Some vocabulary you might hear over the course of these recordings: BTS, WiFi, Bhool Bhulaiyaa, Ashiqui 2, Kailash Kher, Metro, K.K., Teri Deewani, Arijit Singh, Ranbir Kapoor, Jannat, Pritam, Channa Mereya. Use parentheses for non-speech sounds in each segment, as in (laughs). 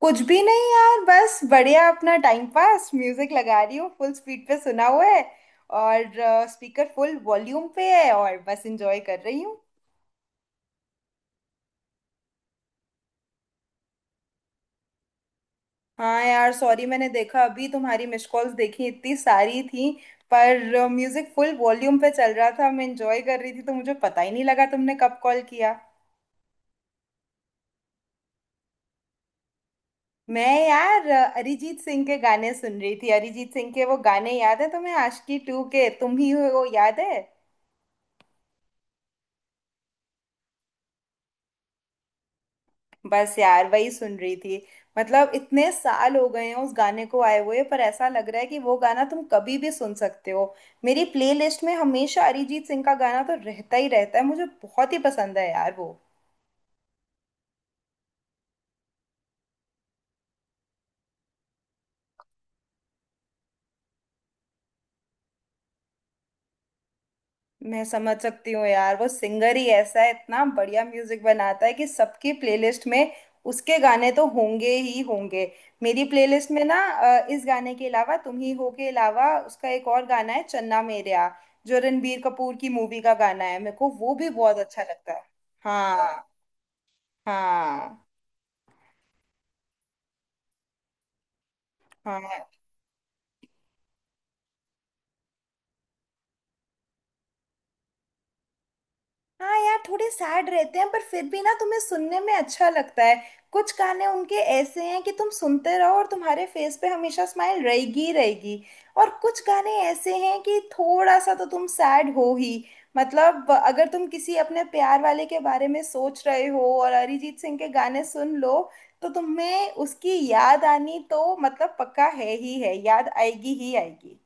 कुछ भी नहीं यार, बस बढ़िया अपना टाइम पास म्यूजिक लगा रही हूँ। फुल स्पीड पे सुना हुआ है और स्पीकर फुल वॉल्यूम पे है और बस एंजॉय कर रही हूँ। हाँ यार सॉरी, मैंने देखा अभी तुम्हारी मिस कॉल्स देखी, इतनी सारी थी। पर म्यूजिक फुल वॉल्यूम पे चल रहा था, मैं एंजॉय कर रही थी तो मुझे पता ही नहीं लगा तुमने कब कॉल किया। मैं यार अरिजीत सिंह के गाने सुन रही थी। अरिजीत सिंह के वो गाने याद है तुम्हें आशिकी टू के, तुम ही हो, याद है? बस यार वही सुन रही थी। मतलब इतने साल हो गए हैं उस गाने को आए हुए, पर ऐसा लग रहा है कि वो गाना तुम कभी भी सुन सकते हो। मेरी प्लेलिस्ट में हमेशा अरिजीत सिंह का गाना तो रहता ही रहता है, मुझे बहुत ही पसंद है यार वो। मैं समझ सकती हूँ यार, वो सिंगर ही ऐसा है, इतना बढ़िया म्यूजिक बनाता है कि सबकी प्लेलिस्ट में उसके गाने तो होंगे ही होंगे। मेरी प्लेलिस्ट में ना इस गाने के अलावा, तुम ही हो के अलावा, उसका एक और गाना है चन्ना मेरेया, जो रणबीर कपूर की मूवी का गाना है, मेरे को वो भी बहुत अच्छा लगता है। हाँ। हाँ। हाँ। हाँ यार, थोड़े सैड रहते हैं पर फिर भी ना तुम्हें सुनने में अच्छा लगता है। कुछ गाने उनके ऐसे हैं कि तुम सुनते रहो और तुम्हारे फेस पे हमेशा स्माइल रहेगी ही रहेगी। और कुछ गाने ऐसे हैं कि थोड़ा सा तो तुम सैड हो ही। मतलब अगर तुम किसी अपने प्यार वाले के बारे में सोच रहे हो और अरिजीत सिंह के गाने सुन लो, तो तुम्हें उसकी याद आनी तो मतलब पक्का है ही है, याद आएगी ही आएगी।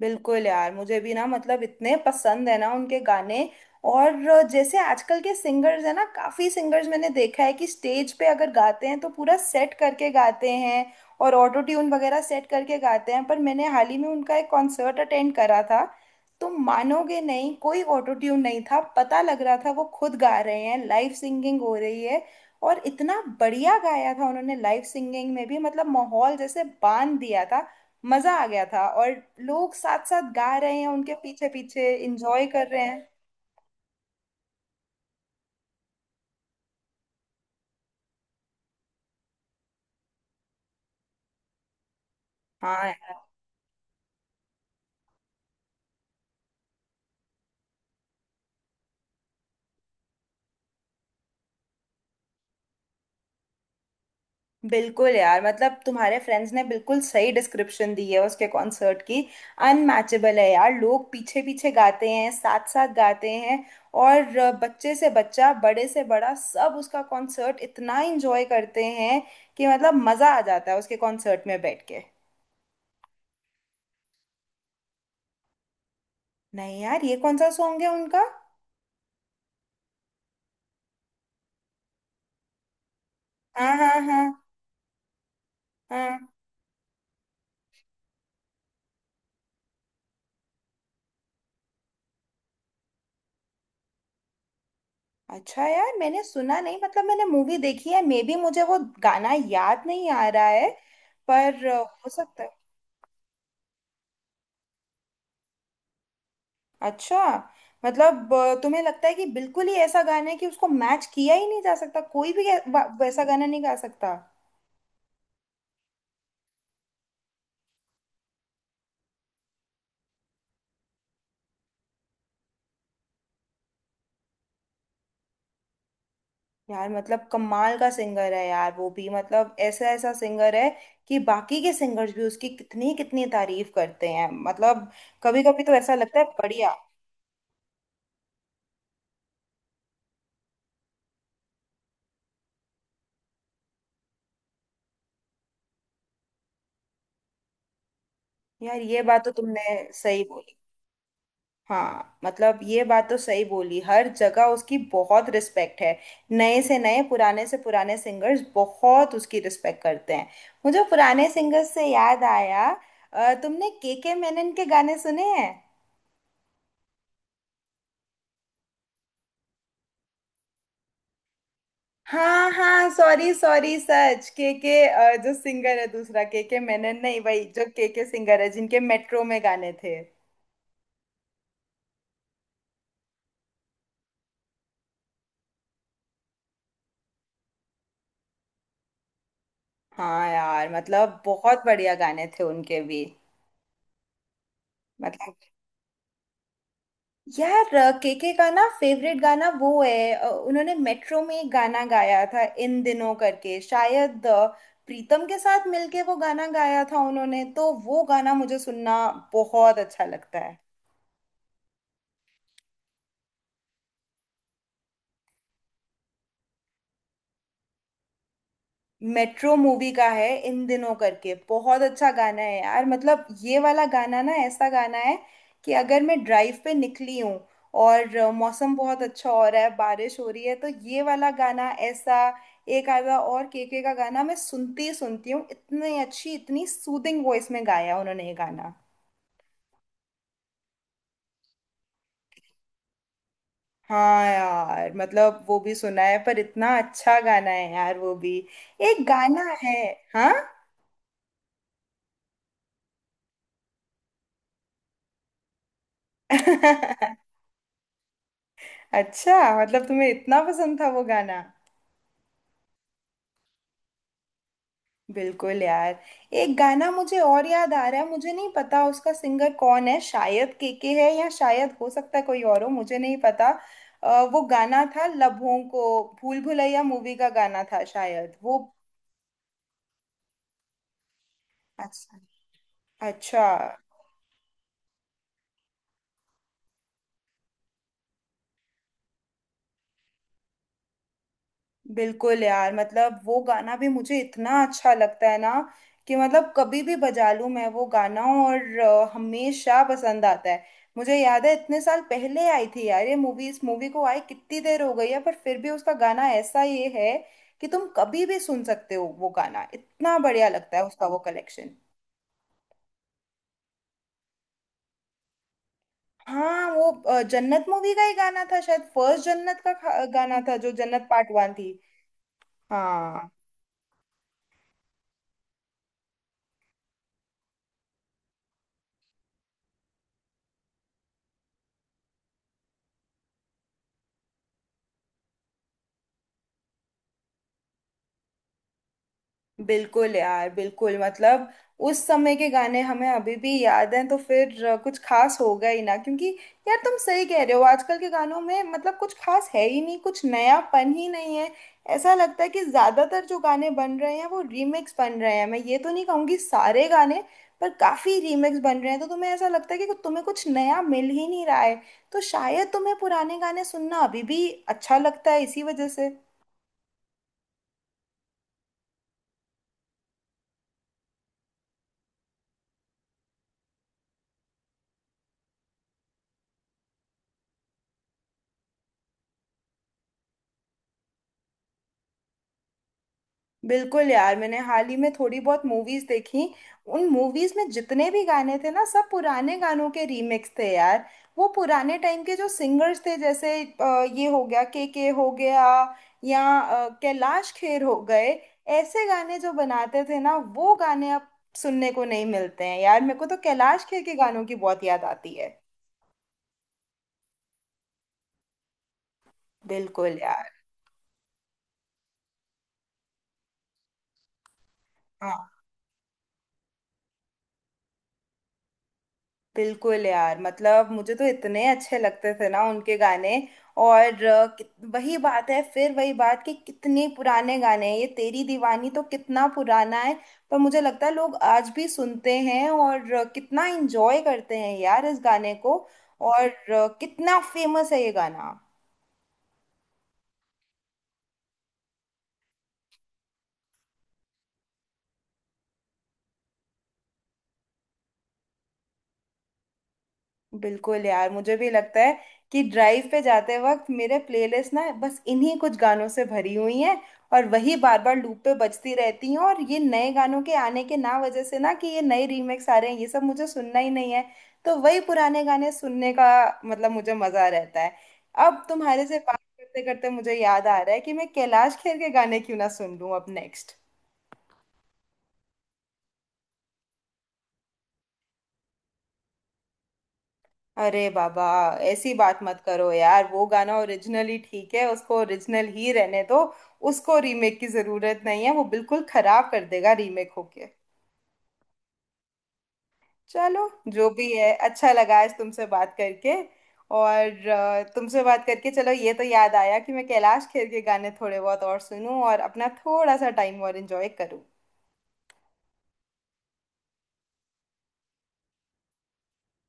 बिल्कुल यार, मुझे भी ना मतलब इतने पसंद है ना उनके गाने। और जैसे आजकल के सिंगर्स है ना, काफी सिंगर्स मैंने देखा है कि स्टेज पे अगर गाते हैं तो पूरा सेट करके गाते हैं, और ऑटो ट्यून वगैरह सेट करके गाते हैं। पर मैंने हाल ही में उनका एक कॉन्सर्ट अटेंड करा था, तो मानोगे नहीं, कोई ऑटो ट्यून नहीं था, पता लग रहा था वो खुद गा रहे हैं, लाइव सिंगिंग हो रही है। और इतना बढ़िया गाया था उन्होंने लाइव सिंगिंग में भी, मतलब माहौल जैसे बांध दिया था। मजा आ गया था। और लोग साथ साथ गा रहे हैं, उनके पीछे पीछे इंजॉय कर रहे हैं। हाँ यार। बिल्कुल यार, मतलब तुम्हारे फ्रेंड्स ने बिल्कुल सही डिस्क्रिप्शन दी है उसके कॉन्सर्ट की। अनमैचेबल है यार, लोग पीछे पीछे गाते हैं, साथ साथ गाते हैं। और बच्चे से बच्चा, बड़े से बड़ा, सब उसका कॉन्सर्ट इतना इंजॉय करते हैं कि मतलब मजा आ जाता है उसके कॉन्सर्ट में बैठ के। नहीं यार, ये कौन सा सॉन्ग है उनका? हाँ हाँ हाँ। हाँ। अच्छा यार, मैंने सुना नहीं। मतलब मैंने मूवी देखी है, मे बी मुझे वो गाना याद नहीं आ रहा है। पर हो सकता है। अच्छा। मतलब तुम्हें लगता है कि बिल्कुल ही ऐसा गाना है कि उसको मैच किया ही नहीं जा सकता, कोई भी वैसा गाना नहीं गा सकता? यार मतलब कमाल का सिंगर है यार वो भी, मतलब ऐसा ऐसा सिंगर है कि बाकी के सिंगर्स भी उसकी कितनी कितनी तारीफ करते हैं। मतलब कभी कभी तो ऐसा लगता है, बढ़िया। यार ये बात तो तुमने सही बोली। हाँ, मतलब ये बात तो सही बोली, हर जगह उसकी बहुत रिस्पेक्ट है। नए से नए, पुराने से पुराने सिंगर्स बहुत उसकी रिस्पेक्ट करते हैं। मुझे पुराने सिंगर्स से याद आया, तुमने के मेनन के गाने सुने हैं? हाँ हाँ, सॉरी सॉरी, सच के, जो सिंगर है, दूसरा। के मेनन नहीं भाई, जो के सिंगर है, जिनके मेट्रो में गाने थे। हाँ यार, मतलब बहुत बढ़िया गाने थे उनके भी। मतलब। यार केके का ना फेवरेट गाना वो है, उन्होंने मेट्रो में एक गाना गाया था इन दिनों करके, शायद प्रीतम के साथ मिलके वो गाना गाया था उन्होंने, तो वो गाना मुझे सुनना बहुत अच्छा लगता है। मेट्रो मूवी का है इन दिनों करके, बहुत अच्छा गाना है यार, मतलब ये वाला गाना ना ऐसा गाना है कि अगर मैं ड्राइव पे निकली हूँ और मौसम बहुत अच्छा हो रहा है, बारिश हो रही है, तो ये वाला गाना ऐसा। एक आधा और केके का गाना मैं सुनती ही सुनती हूँ, इतनी अच्छी, इतनी सूदिंग वॉइस में गाया उन्होंने ये गाना। हाँ यार, मतलब वो भी सुना है, पर इतना अच्छा गाना है यार वो भी। एक गाना है। हाँ। (laughs) अच्छा। मतलब तुम्हें इतना पसंद था वो गाना? बिल्कुल यार। एक गाना मुझे और याद आ रहा है, मुझे नहीं पता उसका सिंगर कौन है, शायद केके है या शायद हो सकता है कोई और हो, मुझे नहीं पता। वो गाना था लबों को। भूल भुलैया मूवी का गाना था शायद वो। अच्छा। अच्छा। बिल्कुल यार, मतलब वो गाना भी मुझे इतना अच्छा लगता है ना कि मतलब कभी भी बजा लूं मैं वो गाना और हमेशा पसंद आता है। मुझे याद है इतने साल पहले आई थी यार ये मूवी, इस मूवी को आए कितनी देर हो गई है, पर फिर भी उसका गाना ऐसा ये है कि तुम कभी भी सुन सकते हो वो गाना, इतना बढ़िया लगता है उसका वो कलेक्शन। हाँ वो जन्नत मूवी का ही गाना था शायद, फर्स्ट जन्नत का गाना था, जो जन्नत पार्ट वन थी। हाँ। बिल्कुल यार बिल्कुल, मतलब उस समय के गाने हमें अभी भी याद हैं तो फिर कुछ खास होगा ही ना, क्योंकि यार तुम सही कह रहे हो, आजकल के गानों में मतलब कुछ खास है ही नहीं, कुछ नयापन ही नहीं है। ऐसा लगता है कि ज्यादातर जो गाने बन रहे हैं वो रीमिक्स बन रहे हैं। मैं ये तो नहीं कहूंगी सारे गाने, पर काफी रीमिक्स बन रहे हैं, तो तुम्हें ऐसा लगता है कि तुम्हें कुछ नया मिल ही नहीं रहा है, तो शायद तुम्हें पुराने गाने सुनना अभी भी अच्छा लगता है इसी वजह से। बिल्कुल यार, मैंने हाल ही में थोड़ी बहुत मूवीज देखी। उन मूवीज में जितने भी गाने थे ना सब पुराने गानों के रीमिक्स थे यार। वो पुराने टाइम के जो सिंगर्स थे, जैसे ये हो गया, के हो गया, या कैलाश खेर हो गए, ऐसे गाने जो बनाते थे ना, वो गाने अब सुनने को नहीं मिलते हैं यार। मेरे को तो कैलाश खेर के गानों की बहुत याद आती है। बिल्कुल यार। हाँ। बिल्कुल यार, मतलब मुझे तो इतने अच्छे लगते थे ना उनके गाने। और वही बात है, फिर वही बात कि कितने पुराने गाने हैं ये, तेरी दीवानी तो कितना पुराना है, पर मुझे लगता है लोग आज भी सुनते हैं और कितना एंजॉय करते हैं यार इस गाने को। और कितना फेमस है ये गाना। बिल्कुल यार, मुझे भी लगता है कि ड्राइव पे जाते वक्त मेरे प्लेलिस्ट ना बस इन्हीं कुछ गानों से भरी हुई हैं, और वही बार बार लूप पे बजती रहती हैं। और ये नए गानों के आने के ना वजह से ना, कि ये नए रीमेक्स आ रहे हैं, ये सब मुझे सुनना ही नहीं है, तो वही पुराने गाने सुनने का मतलब मुझे मजा रहता है। अब तुम्हारे से बात करते करते मुझे याद आ रहा है कि मैं कैलाश खेर के गाने क्यों ना सुन लूं अब नेक्स्ट। अरे बाबा, ऐसी बात मत करो यार, वो गाना ओरिजिनली ठीक है, उसको ओरिजिनल ही रहने दो। उसको रीमेक की जरूरत नहीं है, वो बिल्कुल खराब कर देगा रीमेक होके। चलो। जो भी है, अच्छा लगा आज तुमसे बात करके। और तुमसे बात करके चलो ये तो याद आया कि मैं कैलाश खेर के गाने थोड़े बहुत और सुनूं और अपना थोड़ा सा टाइम और एंजॉय करूं।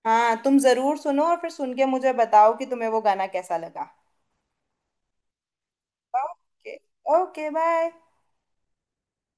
हाँ, तुम जरूर सुनो और फिर सुन के मुझे बताओ कि तुम्हें वो गाना कैसा लगा। ओके। Okay bye.